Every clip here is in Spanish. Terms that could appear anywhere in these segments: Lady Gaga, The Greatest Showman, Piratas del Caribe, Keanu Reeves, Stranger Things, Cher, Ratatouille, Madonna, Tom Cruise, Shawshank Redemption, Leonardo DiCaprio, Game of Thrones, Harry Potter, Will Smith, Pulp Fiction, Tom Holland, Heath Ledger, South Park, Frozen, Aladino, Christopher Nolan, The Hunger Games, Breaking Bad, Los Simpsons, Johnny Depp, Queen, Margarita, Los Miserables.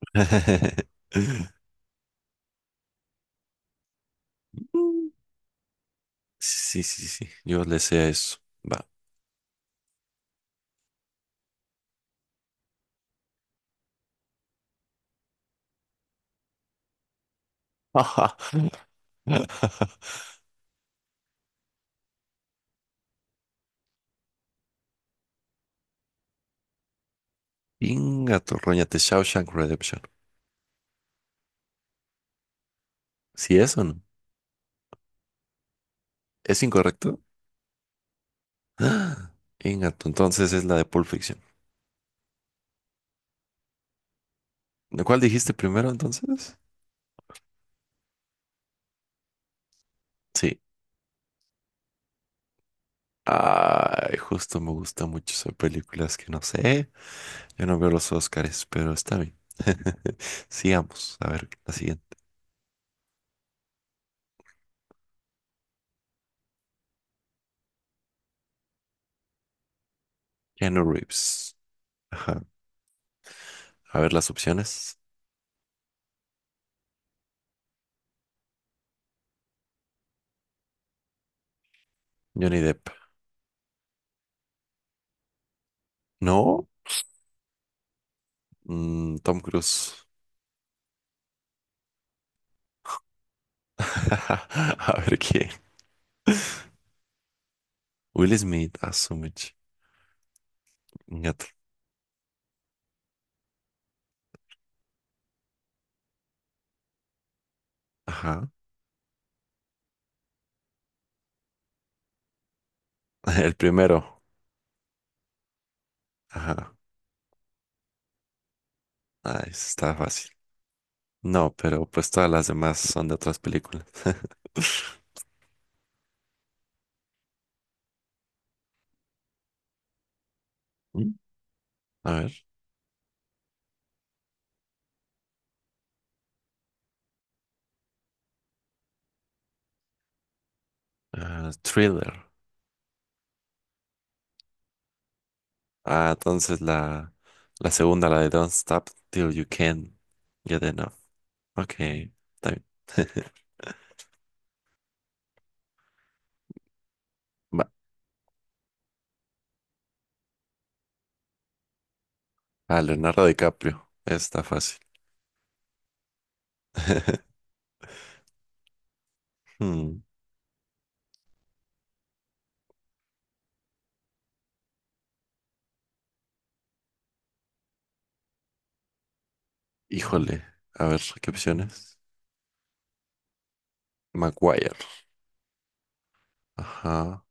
Sí, sí, sí, yo le sé a eso. Va. Ajá. Inga tu roñate, Shawshank Redemption. ¿Sí es o no? ¿Es incorrecto? Ah, Inga tu, entonces es la de Pulp Fiction. ¿De ¿Cuál dijiste primero entonces? Sí. Ay, justo me gusta mucho esas películas que no sé. Yo no veo los Oscars, pero está bien. Sigamos. A ver, la siguiente. Keanu Reeves. Ajá. A ver las opciones. Johnny Depp. No. Mm, Tom Cruise. A ver qué. Will Smith, Asumich. Ñato. Ajá. El primero. Ajá. Ah, ese está fácil. No, pero pues todas las demás son de otras películas. Mm. A ver. Ah, thriller. Ah, entonces la segunda, la de Don't Stop Till You Can Get Enough. Ok, está bien. Va. Ah, Leonardo DiCaprio. Está fácil. Hmm, Híjole. A ver, ¿qué opciones? Maguire. Ajá.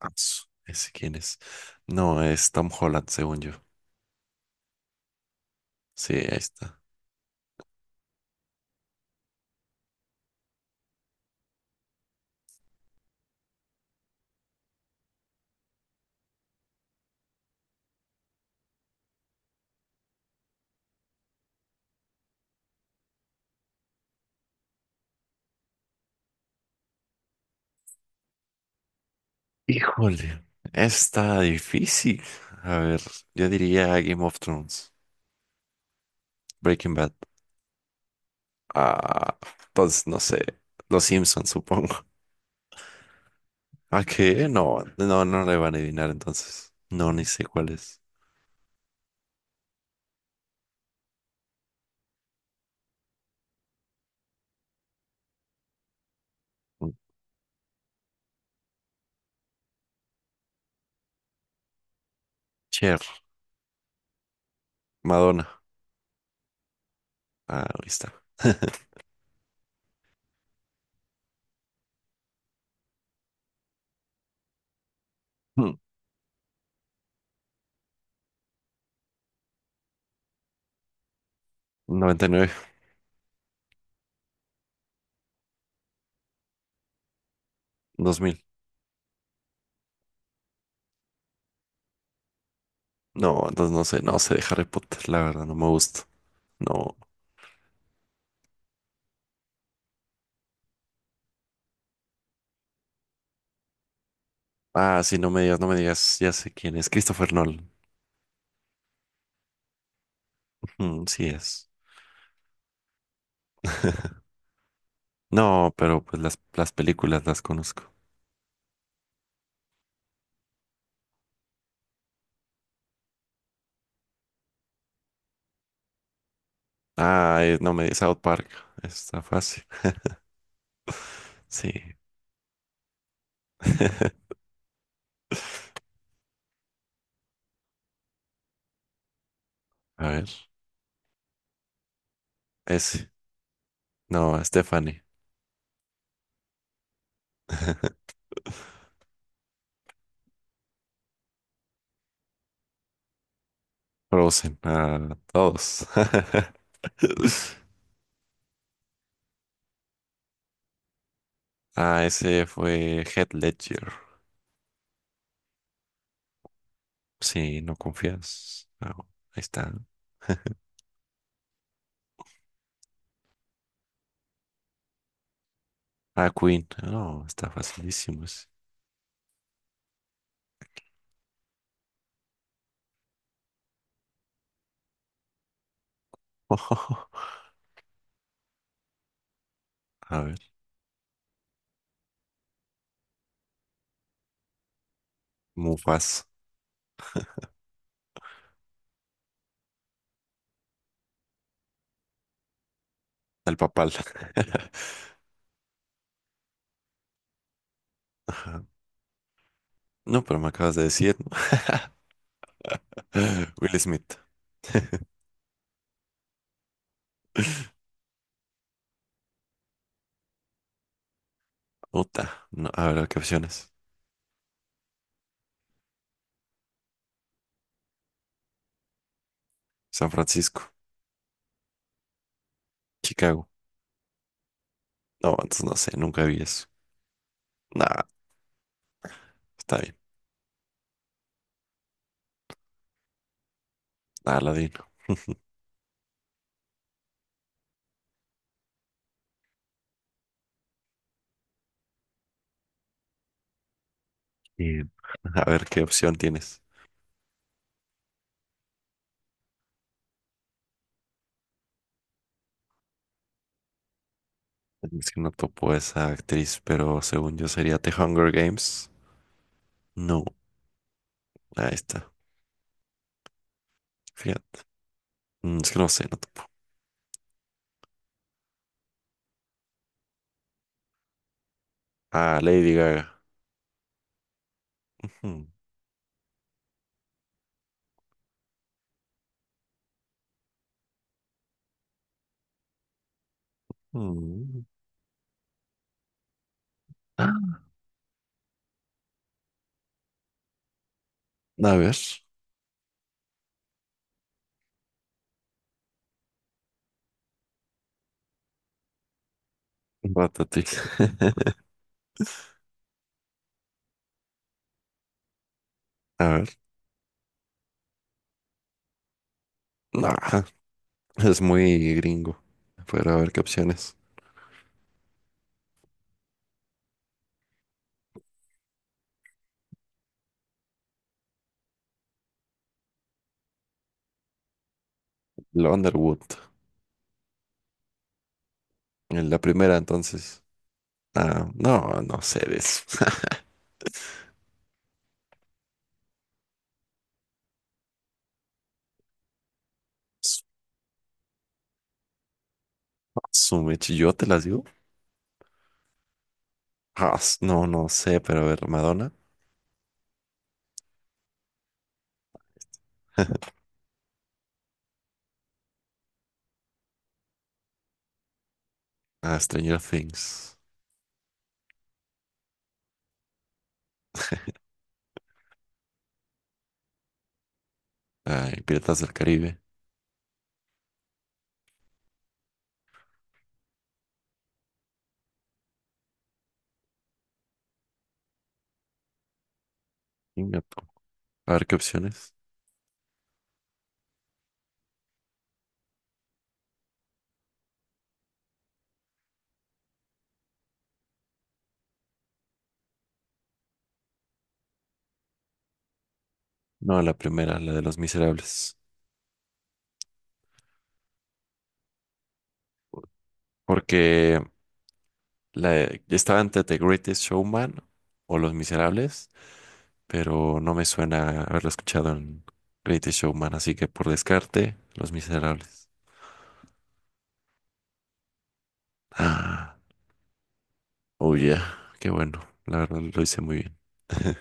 Asu, ¿ese quién es? No, es Tom Holland, según yo. Sí, ahí está. Híjole. Está difícil. A ver, yo diría Game of Thrones, Breaking Bad. Ah, pues no sé. Los Simpsons, supongo. ¿A qué? No, no, no le van a adivinar entonces. No, ni sé cuál es. Cher, Madonna. Ah, ahí está. Hmm, noventa y nueve, 2000. No, entonces no sé, no sé de Harry Potter, la verdad, no me gusta. No. Ah, sí, no me digas, no me digas, ya sé quién es, Christopher Nolan. Mm, sí es. No, pero pues las películas las conozco. Ah, no me digas, South Park, está fácil. Sí. A ver, ese. No, Stephanie. Frozen, ah, todos. Ah, ese fue Heath Ledger. Sí, no confías. No, ahí está. Ah, Queen. No, está facilísimo ese. A ver. Mufas, al papal. Ajá. No, pero me acabas de decir, ¿no? Will Smith. Utah. No, a ver, ¿qué opciones? San Francisco. Chicago. No, entonces no sé, nunca vi eso. Nada, está bien. Aladino. Bien. A ver, ¿qué opción tienes? Es que no topo esa actriz, pero según yo sería The Hunger Games. No, ahí está. Fíjate. Mm, es que no sé, no topo. Ah, Lady Gaga. Ujú. Mm. Ah, a ver. Ratatouille. A ver. No, es muy gringo. Pero a ver qué opciones. Lo Underwood. En la primera, entonces. Ah, no, no sé de eso. Su mechi, ¿yo te las digo? No, no sé, pero a ver, Madonna. Ah, Stranger Things. Ay, Piratas del Caribe. Ingato. A ver qué opciones. No, la primera, la de Los Miserables. Porque la, estaba entre The Greatest Showman o Los Miserables, pero no me suena haberlo escuchado en Greatest Showman, así que por descarte, Los Miserables. Ah, oh yeah, qué bueno, la verdad lo hice muy bien.